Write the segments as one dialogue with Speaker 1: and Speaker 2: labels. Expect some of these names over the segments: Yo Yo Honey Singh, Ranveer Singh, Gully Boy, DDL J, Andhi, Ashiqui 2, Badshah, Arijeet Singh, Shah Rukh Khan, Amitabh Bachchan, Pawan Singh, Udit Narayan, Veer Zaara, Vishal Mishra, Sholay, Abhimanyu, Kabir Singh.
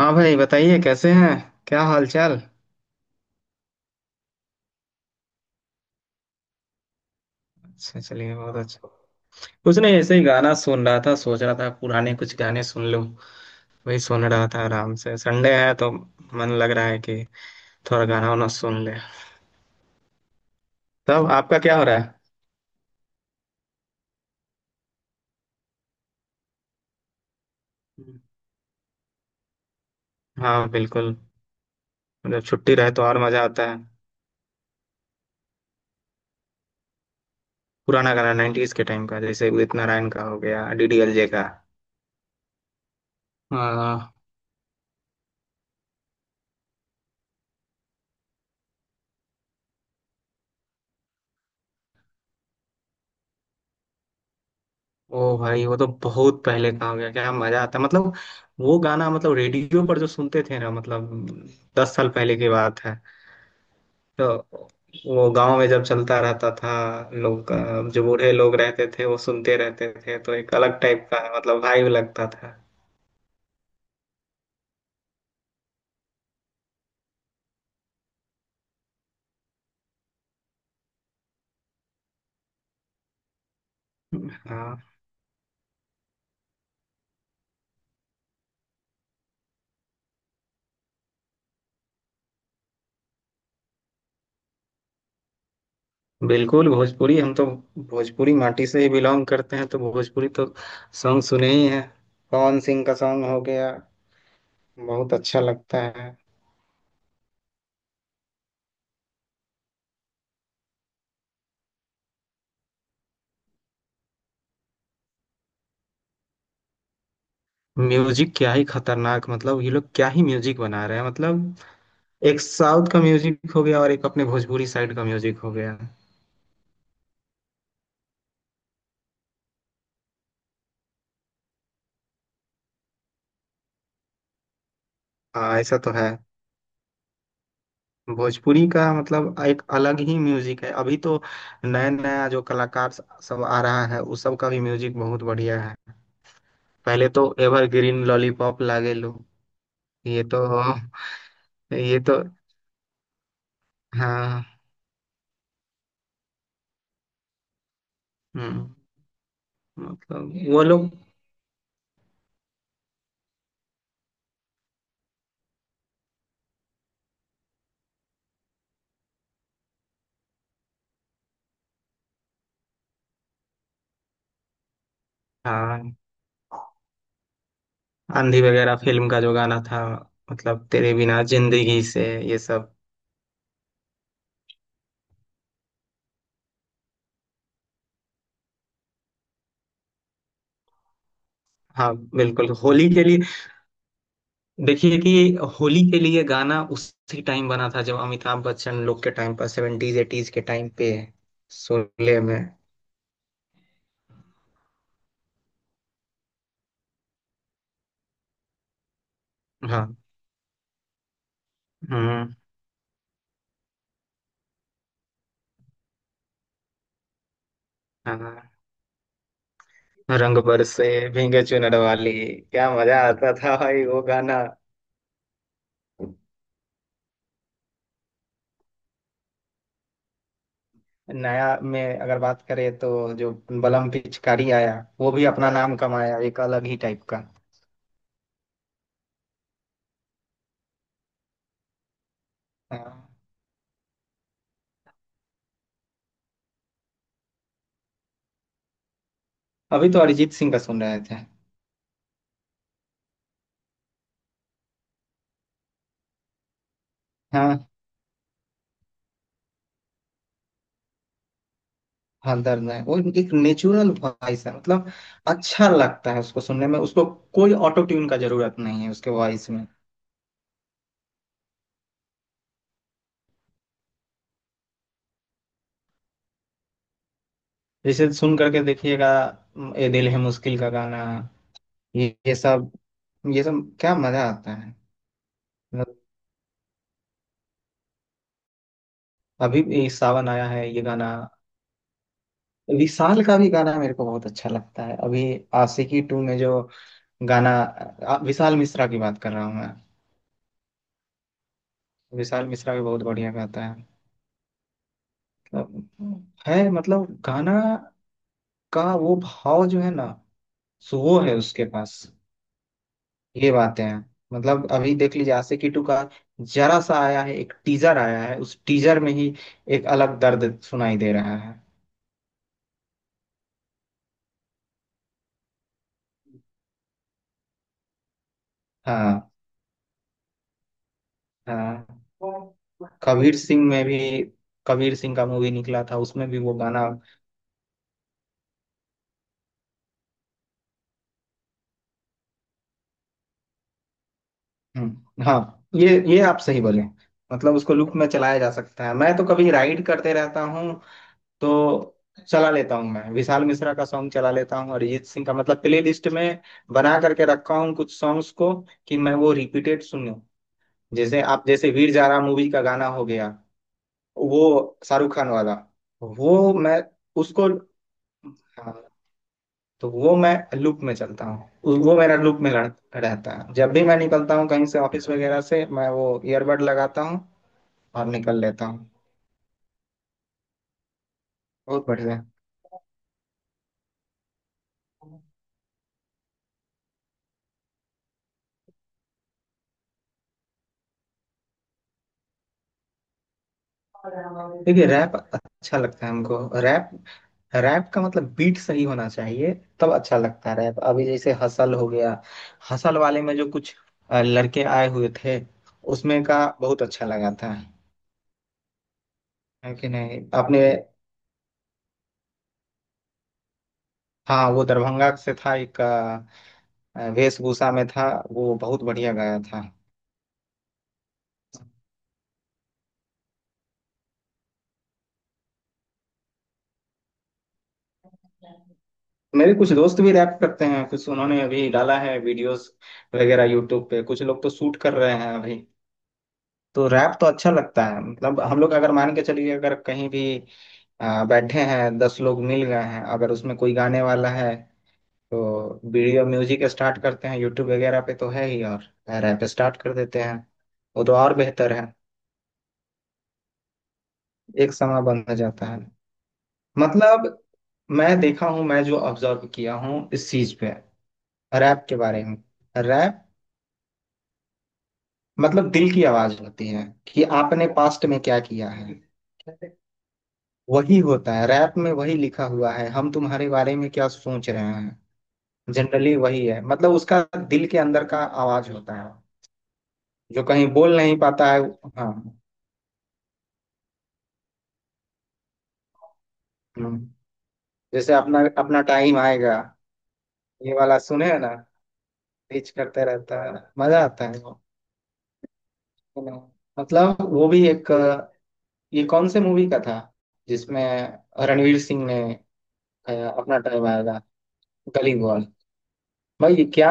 Speaker 1: हाँ भाई, बताइए कैसे हैं? क्या हाल चाल? अच्छा, चलिए बहुत अच्छा। कुछ नहीं, ऐसे ही गाना सुन रहा था। सोच रहा था पुराने कुछ गाने सुन लूं। वही सुन रहा था, आराम से संडे है तो मन लग रहा है कि थोड़ा गाना वाना सुन ले। तब आपका क्या हो रहा है? हाँ बिल्कुल। जब छुट्टी रहे तो और मजा आता है। पुराना गाना, नाइन्टीज के टाइम का, जैसे उदित नारायण का हो गया, डी डी एल जे का। हाँ। ओ भाई वो तो बहुत पहले का हो गया, क्या मजा आता, मतलब वो गाना, मतलब रेडियो पर जो सुनते थे ना मतलब, दस साल पहले की बात है। तो वो गांव में जब चलता रहता था, लोग जो बूढ़े लोग रहते थे वो सुनते रहते थे, तो एक अलग टाइप का मतलब वाइब लगता था। हाँ बिल्कुल, भोजपुरी हम तो भोजपुरी माटी से ही बिलोंग करते हैं, तो भोजपुरी तो सॉन्ग सुने ही हैं। पवन सिंह का सॉन्ग हो गया, बहुत अच्छा लगता है। म्यूजिक क्या ही खतरनाक, मतलब ये लोग क्या ही म्यूजिक बना रहे हैं, मतलब एक साउथ का म्यूजिक हो गया और एक अपने भोजपुरी साइड का म्यूजिक हो गया। हाँ ऐसा तो है। भोजपुरी का मतलब एक अलग ही म्यूजिक है। अभी तो नया नया जो कलाकार सब आ रहा है, उस सब का भी म्यूजिक बहुत बढ़िया है। पहले तो एवरग्रीन लॉलीपॉप लागे लो, ये तो ये तो। हाँ। हम्म, मतलब वो लोग। हाँ। आंधी वगैरह फिल्म का जो गाना था, मतलब तेरे बिना जिंदगी से, ये सब। हाँ बिल्कुल, होली के लिए देखिए कि होली के लिए गाना उसी टाइम बना था, जब अमिताभ बच्चन लोग के टाइम पर, 70s 80s के टाइम पे। शोले में। हाँ। हम्म। हाँ। रंग बरसे, भीगे चुनर वाली, क्या मजा आता था भाई वो गाना। नया में अगर बात करें तो जो बलम पिचकारी आया, वो भी अपना नाम कमाया, एक अलग ही टाइप का। हाँ। अभी तो अरिजीत सिंह का सुन रहे थे। हाँ हाँ, दर्द है, वो एक नेचुरल वॉइस है मतलब। अच्छा लगता है उसको सुनने में, उसको कोई ऑटो ट्यून का जरूरत नहीं है उसके वॉइस में। जैसे सुन करके देखिएगा, ये दिल है मुश्किल का गाना, ये सब, ये सब क्या मजा आता है मतलब। अभी भी सावन आया है, ये गाना। विशाल का भी गाना मेरे को बहुत अच्छा लगता है। अभी आशिकी टू में जो गाना, विशाल मिश्रा की बात कर रहा हूँ मैं। विशाल मिश्रा भी बहुत बढ़िया गाता है। मतलब है मतलब, गाना का वो भाव जो है ना, सो वो है उसके पास। ये बातें हैं। मतलब अभी देख लीजिए आशिकी टू का जरा सा आया है, एक टीजर आया है, उस टीजर में ही एक अलग दर्द सुनाई दे रहा है। हाँ। हाँ। कबीर सिंह में भी, कबीर सिंह का मूवी निकला था, उसमें भी वो गाना। हाँ ये आप सही बोले। मतलब उसको लूप में चलाया जा सकता है, मैं तो कभी राइड करते रहता हूँ, तो चला लेता हूँ। मैं विशाल मिश्रा का सॉन्ग चला लेता हूँ, अरिजीत सिंह का। मतलब प्ले लिस्ट में बना करके रखा हूँ कुछ सॉन्ग्स को, कि मैं वो रिपीटेड सुनूं। जैसे आप, जैसे वीर जारा मूवी का गाना हो गया, वो शाहरुख खान वाला, वो मैं उसको, हाँ, तो वो मैं लूप में चलता हूँ। वो मेरा लूप में रहता है। जब भी मैं निकलता हूँ कहीं से, ऑफिस वगैरह से, मैं वो ईयरबड लगाता हूँ और निकल लेता हूँ। बहुत बढ़िया। देखिए, रैप अच्छा लगता है हमको। रैप, रैप का मतलब बीट सही होना चाहिए, तब अच्छा लगता है रैप। अभी जैसे हसल हो गया, हसल वाले में जो कुछ लड़के आए हुए थे, उसमें का बहुत अच्छा लगा था। है कि नहीं आपने? हाँ वो दरभंगा से था, एक वेशभूषा में था, वो बहुत बढ़िया गाया था। मेरे कुछ दोस्त भी रैप करते हैं, कुछ उन्होंने अभी डाला है वीडियोस वगैरह यूट्यूब पे, कुछ लोग तो शूट कर रहे हैं अभी। तो रैप तो अच्छा लगता है। मतलब हम लोग अगर मान के चलिए, अगर कहीं भी बैठे हैं, दस लोग मिल गए हैं, अगर उसमें कोई गाने वाला है तो वीडियो म्यूजिक स्टार्ट करते हैं यूट्यूब वगैरह पे तो है ही, और रैप स्टार्ट कर देते हैं। वो तो और बेहतर है, एक समय बंद हो जाता है। मतलब मैं देखा हूँ, मैं जो ऑब्जर्व किया हूँ इस चीज पे, रैप के बारे में। रैप मतलब दिल की आवाज होती है, कि आपने पास्ट में क्या किया है। वही होता है रैप में, वही लिखा हुआ है, हम तुम्हारे बारे में क्या सोच रहे हैं, जनरली वही है मतलब उसका। दिल के अंदर का आवाज होता है, जो कहीं बोल नहीं पाता है। हाँ। हम्म। जैसे अपना अपना टाइम आएगा, ये वाला सुने हैं ना। रीच करते रहता है, मजा आता है वो, you know। मतलब वो भी एक, ये कौन से मूवी का था, जिसमें रणवीर सिंह ने, अपना टाइम आएगा। गली बॉय। भाई ये क्या,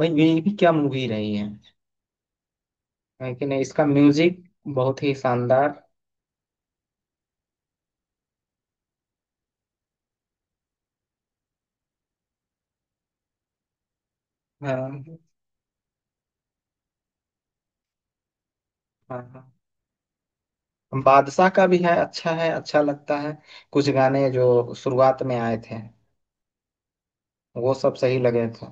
Speaker 1: भाई ये भी क्या मूवी रही है कि नहीं इसका म्यूजिक बहुत ही शानदार। हाँ हाँ हाँ। बादशाह का भी है, अच्छा है, अच्छा लगता है। कुछ गाने जो शुरुआत में आए थे, वो सब सही लगे थे।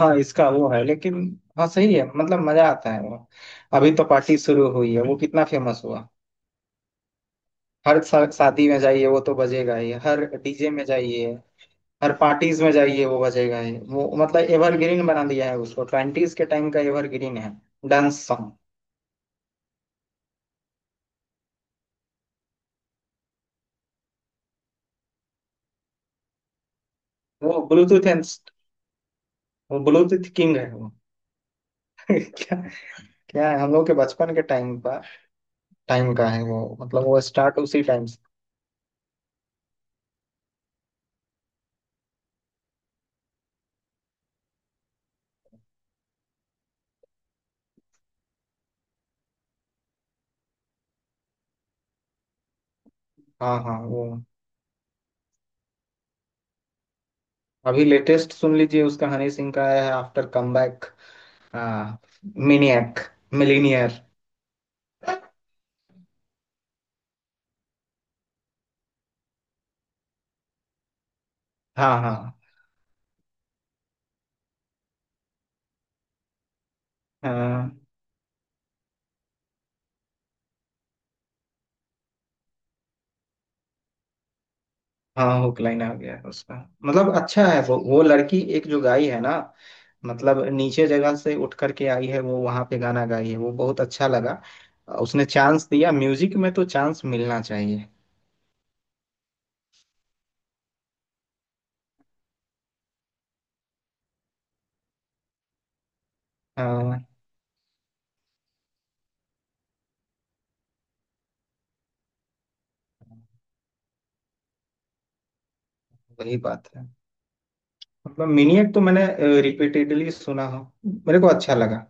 Speaker 1: हाँ इसका वो है लेकिन, हाँ सही है, मतलब मजा आता है वो। अभी तो पार्टी शुरू हुई है, वो कितना फेमस हुआ। हर शादी में जाइए वो तो बजेगा ही, हर डीजे में जाइए, हर पार्टीज में जाइए वो बजेगा ही। वो मतलब एवरग्रीन बना दिया है उसको, ट्वेंटीज के टाइम का एवरग्रीन है डांस सॉन्ग। वो ब्लूटूथ, वो ब्लू टिथ किंग है वो। क्या, क्या है, हम लोग के बचपन के टाइम का, टाइम का है वो, मतलब वो स्टार्ट उसी टाइम से। हाँ हाँ। वो अभी लेटेस्ट सुन लीजिए उसका, हनी सिंह का है आफ्टर कमबैक। हाँ। Maniac, millionaire. हाँ हाँ हाँ। हाँ हुक लाइन आ गया है उसका। मतलब अच्छा है, वो लड़की एक जो गाई है ना, मतलब नीचे जगह से उठ करके आई है, वो वहां पे गाना गाई है, वो बहुत अच्छा लगा। उसने चांस दिया, म्यूजिक में तो चांस मिलना चाहिए। हाँ। वही बात है। मतलब मिनियट तो मैंने रिपीटेडली सुना हो, मेरे को अच्छा लगा।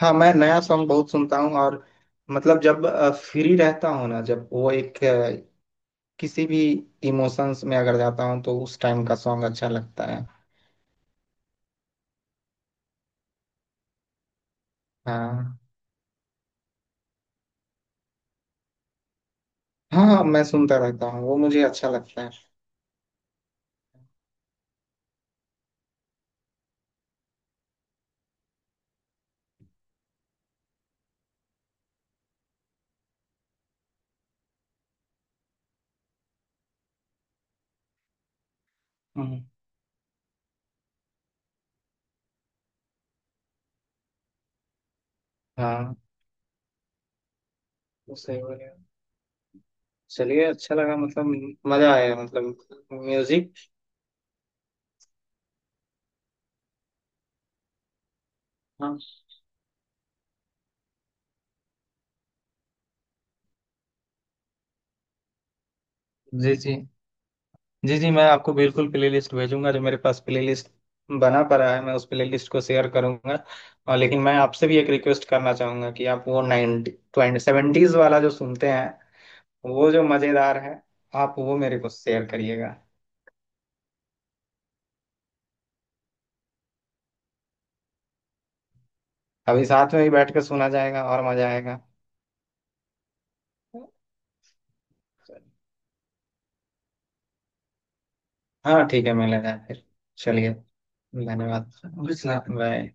Speaker 1: हाँ मैं नया सॉन्ग बहुत सुनता हूँ, और मतलब जब फ्री रहता हूँ ना, जब वो एक किसी भी इमोशंस में अगर जाता हूँ तो उस टाइम का सॉन्ग अच्छा लगता है। हाँ हाँ। हाँ, मैं सुनता रहता हूँ, वो मुझे अच्छा लगता है। हम्म, हाँ वो सही बोले। चलिए अच्छा लगा, मतलब मजा आया मतलब। म्यूजिक। हाँ। जी जी, जी जी, मैं आपको बिल्कुल प्लेलिस्ट भेजूंगा। जो मेरे पास प्लेलिस्ट बना पड़ा है, मैं उस प्लेलिस्ट को शेयर करूंगा। और लेकिन मैं आपसे भी एक रिक्वेस्ट करना चाहूंगा कि आप वो नाइनटी ट्वेंटी सेवेंटीज वाला जो सुनते हैं, वो जो मज़ेदार है, आप वो मेरे को शेयर करिएगा। अभी साथ में ही बैठ के सुना जाएगा और मज़ा आएगा। हाँ ठीक है, मिला जाए फिर। चलिए। धन्यवाद। बाय।